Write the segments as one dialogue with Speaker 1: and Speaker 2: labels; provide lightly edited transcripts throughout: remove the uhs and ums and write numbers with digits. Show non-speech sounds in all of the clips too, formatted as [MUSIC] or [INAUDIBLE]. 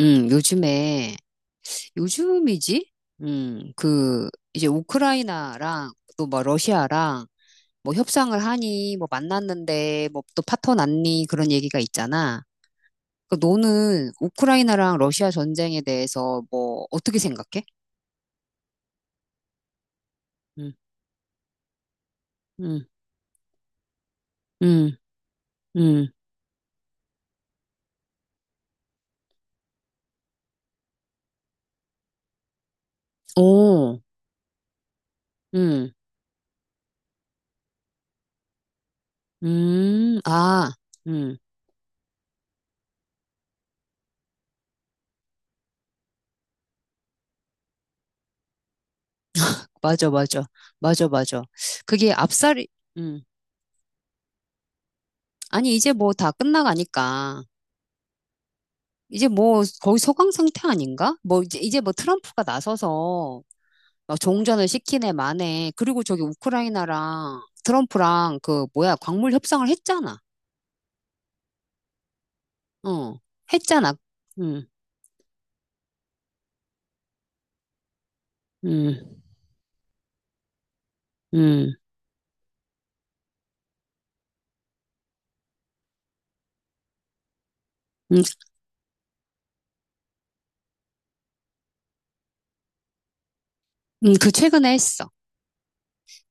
Speaker 1: 요즘에, 요즘이지? 그, 이제 우크라이나랑 또 뭐 러시아랑 뭐 협상을 하니, 뭐 만났는데, 뭐 또 파토 났니, 그런 얘기가 있잖아. 그 너는 우크라이나랑 러시아 전쟁에 대해서 뭐 어떻게 생각해? 음, 음, 음, 음, 오, 음, 아, 음, 맞아, 맞아, 맞아, 맞아. 그게 앞살이, 음, 아니, 이제 뭐 다 끝나가니까. 이제 뭐 거의 소강 상태 아닌가? 뭐 이제 뭐 트럼프가 나서서 막 종전을 시키네 마네. 그리고 저기 우크라이나랑 트럼프랑 그 뭐야 광물 협상을 했잖아. 어, 했잖아. 음, 음, 음, 음, 그 최근에 했어.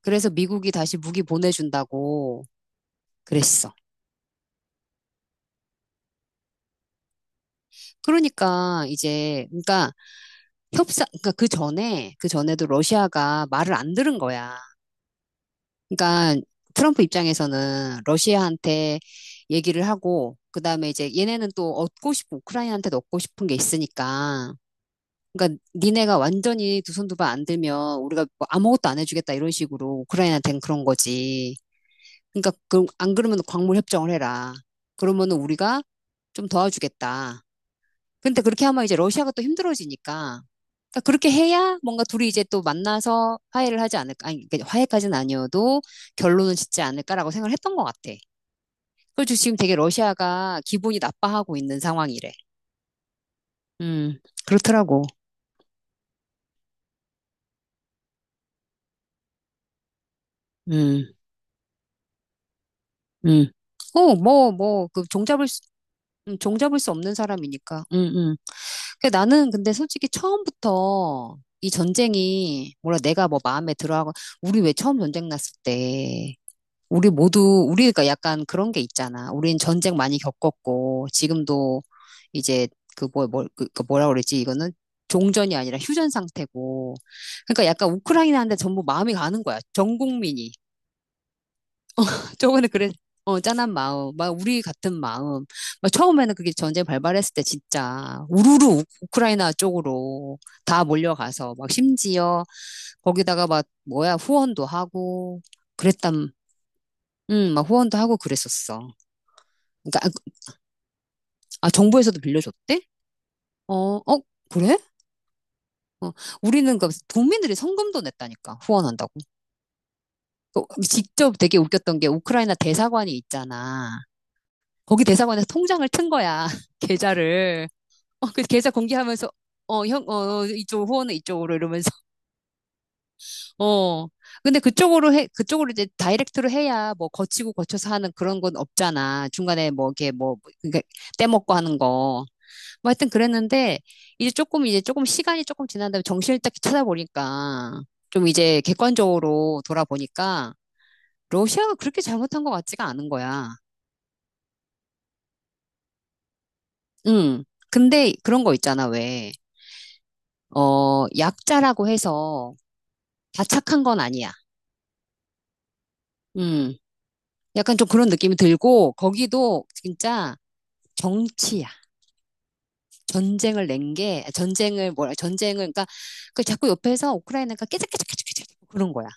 Speaker 1: 그래서 미국이 다시 무기 보내준다고 그랬어. 그러니까 이제 협상 그 전에 그 전에도 러시아가 말을 안 들은 거야. 그러니까 트럼프 입장에서는 러시아한테 얘기를 하고 그다음에 이제 얘네는 또 얻고 싶고 우크라이나한테도 얻고 싶은 게 있으니까 그러니까 니네가 완전히 두 손 두 발 안 들면 우리가 뭐 아무것도 안 해주겠다 이런 식으로 우크라이나한테는 그런 거지. 그러니까 그, 안 그러면 광물 협정을 해라. 그러면은 우리가 좀 도와주겠다. 근데 그렇게 하면 이제 러시아가 또 힘들어지니까. 그러니까 그렇게 해야 뭔가 둘이 이제 또 만나서 화해를 하지 않을까. 아니, 그러니까 화해까지는 아니어도 결론은 짓지 않을까라고 생각을 했던 것 같아. 그래서 지금 되게 러시아가 기분이 나빠하고 있는 상황이래. 음, 그렇더라고. 음, 음. 어, 뭐, 그 종잡을 수, 종잡을 수 없는 사람이니까. 그 나는 근데 솔직히 처음부터 이 전쟁이, 뭐라 내가 뭐 마음에 들어하고, 우리 왜 처음 전쟁 났을 때, 우리 모두, 우리가 약간 그런 게 있잖아. 우린 전쟁 많이 겪었고, 지금도 이제 그 뭐, 그, 뭐라 그랬지 이거는 종전이 아니라 휴전 상태고. 그러니까 약간 우크라이나한테 전부 마음이 가는 거야. 전 국민이. [LAUGHS] 저번에 그래, 어, 짠한 마음, 막 우리 같은 마음. 막 처음에는 그게 전쟁 발발했을 때 진짜 우르르 우크라이나 쪽으로 다 몰려가서 막 심지어 거기다가 막 뭐야 후원도 하고 그랬단, 막 후원도 하고 그랬었어. 그러니까 아, 정부에서도 빌려줬대? 어, 그래? 어, 우리는 그 도민들이 성금도 냈다니까 후원한다고. 또 직접 되게 웃겼던 게 우크라이나 대사관이 있잖아. 거기 대사관에서 통장을 튼 거야 [LAUGHS] 계좌를. 어, 그 계좌 공개하면서 어, 형, 어, 어, 이쪽 후원은 이쪽으로 이러면서 [LAUGHS] 어. 근데 그쪽으로 해 그쪽으로 이제 다이렉트로 해야 뭐 거치고 거쳐서 하는 그런 건 없잖아. 중간에 뭐 이게 뭐 그게 떼먹고 하는 거. 뭐 하여튼 그랬는데, 이제 조금 시간이 조금 지난 다음에 정신을 딱 찾아보니까, 좀 이제 객관적으로 돌아보니까, 러시아가 그렇게 잘못한 것 같지가 않은 거야. 응. 근데 그런 거 있잖아, 왜. 어, 약자라고 해서 다 착한 건 아니야. 음, 약간 좀 그런 느낌이 들고, 거기도 진짜 정치야. 전쟁을 낸 게, 전쟁을 뭐라, 전쟁을, 그러니까, 그 자꾸 옆에서 우크라이나가 깨작깨작깨작깨작 그런 거야.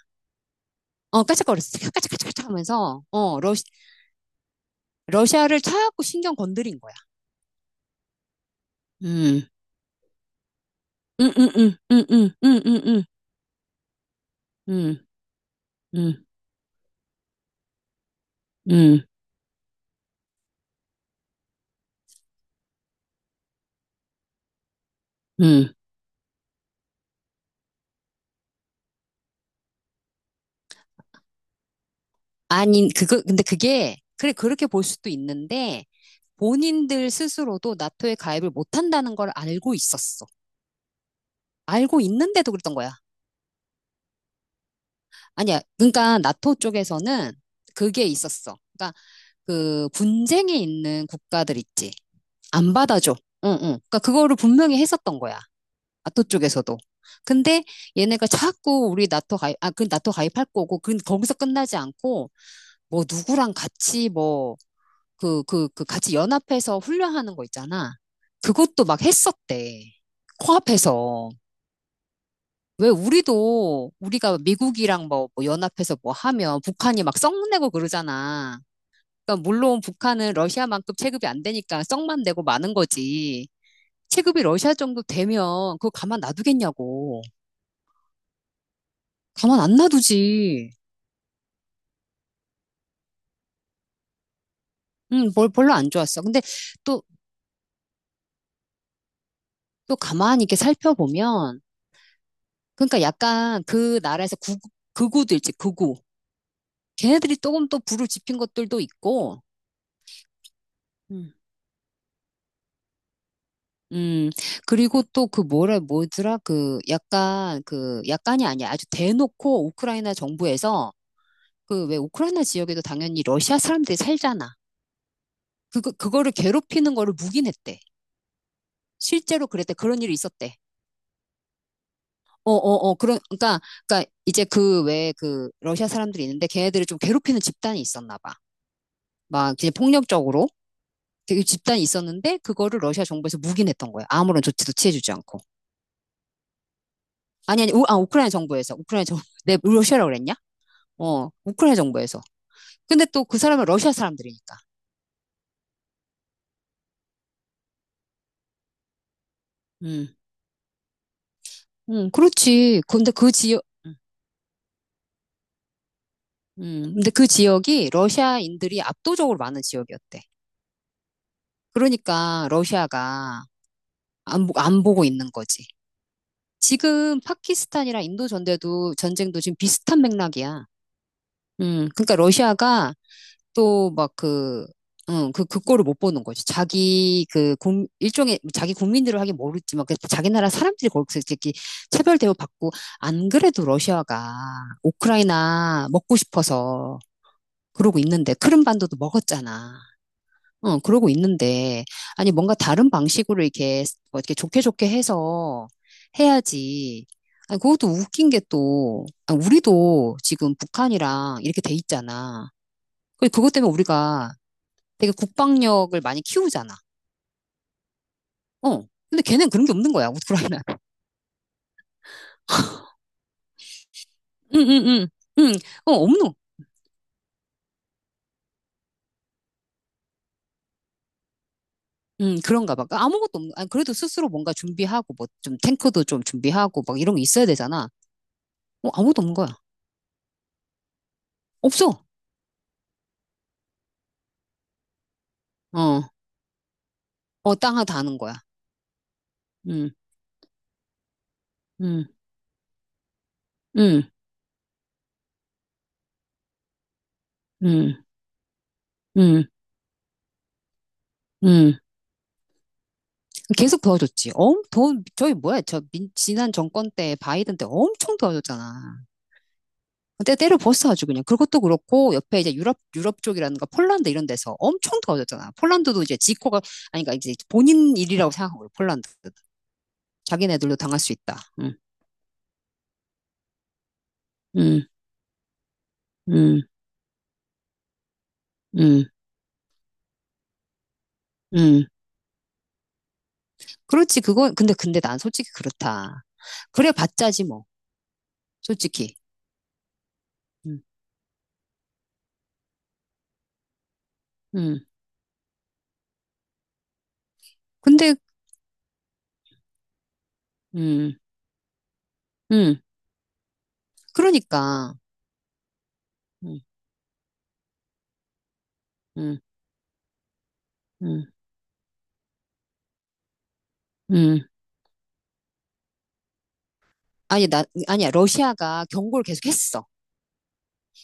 Speaker 1: 어, 까짝거렸어. 까짝까짝까짝 하면서, 어, 러시, 러시아를 차갖고 신경 건드린 거야. 음, 음, 음, 음, 음, 음, 음, 음, 음, 음, 음, 음, 음. 아니, 그거, 근데 그게, 그래, 그렇게 볼 수도 있는데, 본인들 스스로도 나토에 가입을 못한다는 걸 알고 있었어. 알고 있는데도 그랬던 거야. 아니야. 그러니까 나토 쪽에서는 그게 있었어. 그러니까 그 분쟁이 있는 국가들 있지. 안 받아줘. 응, 응. 그러니까 그거를 분명히 했었던 거야. 나토 쪽에서도. 근데 얘네가 자꾸 우리 나토 가입, 아, 그 나토 가입할 거고, 그 거기서 끝나지 않고, 뭐 누구랑 같이 뭐, 그 같이 연합해서 훈련하는 거 있잖아. 그것도 막 했었대. 코앞에서. 왜 우리도 우리가 미국이랑 뭐 연합해서 뭐 하면 북한이 막 썩내고 그러잖아. 그러니까 물론 북한은 러시아만큼 체급이 안 되니까 썩만 내고 마는 거지. 체급이 러시아 정도 되면 그거 가만 놔두겠냐고. 가만 안 놔두지. 뭘 별로 안 좋았어. 근데 또, 또 가만히 이렇게 살펴보면, 그러니까 약간 그 나라에서 구, 극우도 있지, 극우. 걔네들이 조금 또 불을 지핀 것들도 있고, 음, 음, 그리고 또 그 뭐라, 뭐더라, 그 약간, 그 약간이 아니야. 아주 대놓고 우크라이나 정부에서 그 왜 우크라이나 지역에도 당연히 러시아 사람들이 살잖아. 그거를 괴롭히는 거를 묵인했대. 실제로 그랬대. 그런 일이 있었대. 어, 어, 어, 그런, 그러니까, 그러니까 이제 그 외에 그 러시아 사람들이 있는데 걔네들을 좀 괴롭히는 집단이 있었나 봐. 막 이제 폭력적으로 되게 집단이 있었는데 그거를 러시아 정부에서 묵인했던 거예요. 아무런 조치도 취해주지 않고. 아니, 우크라이나 정부에서. 우크라이나 정, [LAUGHS] 내 러시아라고 그랬냐? 어, 우크라이나 정부에서. 근데 또 그 사람은 러시아 사람들이니까. 음, 그렇지. 근데 그 지역, 근데 그 지역이 러시아인들이 압도적으로 많은 지역이었대. 그러니까 러시아가 안, 안 보고 있는 거지. 지금 파키스탄이랑 인도 전대도 전쟁도 지금 비슷한 맥락이야. 그러니까 러시아가 또 막 그, 응, 그 꼴을 못 보는 거지. 자기 그, 일종의, 자기 국민들을 하긴 모르지만, 그 자기 나라 사람들이 거기서 이렇게 차별 대우받고, 안 그래도 러시아가 우크라이나 먹고 싶어서 그러고 있는데, 크림반도도 먹었잖아. 어, 그러고 있는데, 아니, 뭔가 다른 방식으로 이렇게, 뭐 이렇게 좋게 좋게 해서 해야지. 아니, 그것도 웃긴 게 또, 아, 우리도 지금 북한이랑 이렇게 돼 있잖아. 그것 때문에 우리가 되게 국방력을 많이 키우잖아. 어. 근데 걔는 그런 게 없는 거야, 우크라이나. [LAUGHS] 응, 응, 응. 응, 어, 없노. 응, 그런가 봐. 그러니까 아무것도 없는, 아니, 그래도 스스로 뭔가 준비하고, 뭐, 좀 탱크도 좀 준비하고, 막 이런 거 있어야 되잖아. 어, 아무것도 없는 거야. 없어. 어, 어, 땅 하나 다는 거야. 음. 음, 음, 음, 음, 음. 계속 도와줬지. 엄, 돈, 저희 뭐야, 저 민, 지난 정권 때, 바이든 때 엄청 도와줬잖아. 때 때려 부었어 아주 그냥. 그것도 그렇고, 옆에 이제 유럽 쪽이라든가 폴란드 이런 데서 엄청 도와줬잖아. 폴란드도 이제 지코가, 아니, 그러니까 이제 본인 일이라고 생각한 거요 폴란드. 자기네들도 당할 수 있다. 음, 음, 음, 음. 그렇지, 그건, 근데 난 솔직히 그렇다. 그래 봤자지, 뭐. 솔직히. 음, 음. 근데, 음. 음. 그러니까. 음, 음, 음, 음. 아니, 나, 아니야. 러시아가 경고를 계속 했어.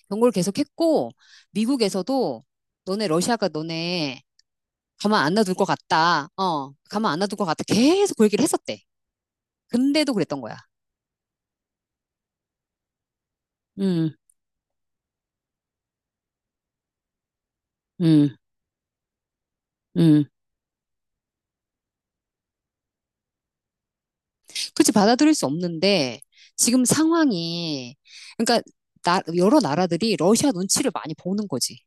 Speaker 1: 경고를 계속 했고, 미국에서도 너네 러시아가 너네 가만 안 놔둘 것 같다. 어, 가만 안 놔둘 것 같다. 계속 그 얘기를 했었대. 근데도 그랬던 거야. 음, 음, 음. 그치, 받아들일 수 없는데, 지금 상황이, 그러니까, 나, 여러 나라들이 러시아 눈치를 많이 보는 거지.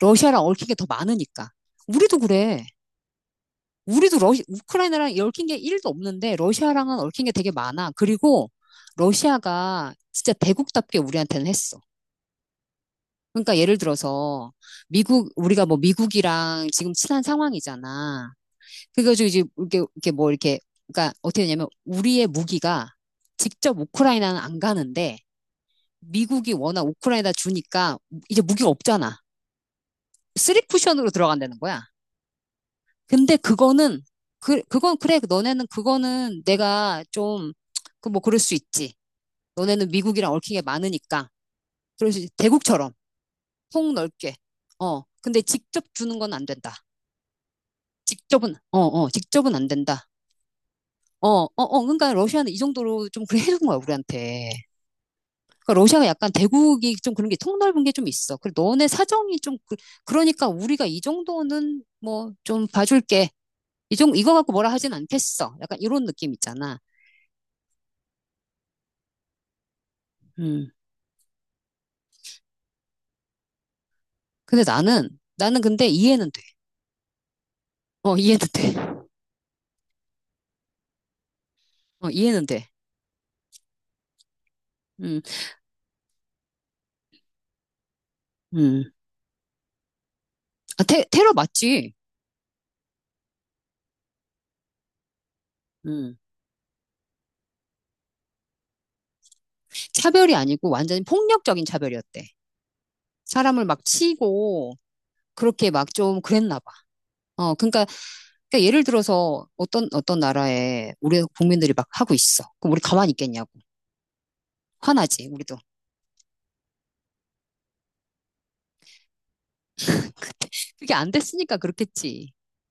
Speaker 1: 러시아랑 얽힌 게 더 많으니까. 우리도 그래. 우리도 러시, 우크라이나랑 얽힌 게 1도 없는데 러시아랑은 얽힌 게 되게 많아. 그리고 러시아가 진짜 대국답게 우리한테는 했어. 그러니까 예를 들어서 미국 우리가 뭐 미국이랑 지금 친한 상황이잖아. 그래가지고 이제 이렇게 이렇게 뭐 이렇게 그러니까 어떻게 되냐면 우리의 무기가 직접 우크라이나는 안 가는데 미국이 워낙 우크라이나 주니까 이제 무기가 없잖아. 쓰리 쿠션으로 들어간다는 거야. 근데 그거는, 그건 그래. 너네는 그거는 내가 좀, 그 뭐 그럴 수 있지. 너네는 미국이랑 얽힌 게 많으니까. 그럴 수 있지. 대국처럼. 통 넓게. 어. 근데 직접 주는 건 안 된다. 직접은, 어, 직접은 안 된다. 어. 그러니까 러시아는 이 정도로 좀 그래 해준 거야, 우리한테. 그러니까 러시아가 약간 대국이 좀 그런 게 통 넓은 게 좀 있어. 그래, 너네 사정이 좀, 그, 그러니까 우리가 이 정도는 뭐 좀 봐줄게. 이 정, 이거 갖고 뭐라 하진 않겠어. 약간 이런 느낌 있잖아. 음. 근데 나는, 나는 근데 이해는 돼. 어, 이해는 돼. 어, 이해는 돼. 음, 음. 테러 맞지? 음. 차별이 아니고 완전히 폭력적인 차별이었대. 사람을 막 치고, 그렇게 막 좀 그랬나 봐. 어, 그러니까, 그러니까 예를 들어서 어떤, 어떤 나라에 우리 국민들이 막 하고 있어. 그럼 우리 가만히 있겠냐고. 화나지, 우리도. [LAUGHS] 그게 안 됐으니까 그렇겠지.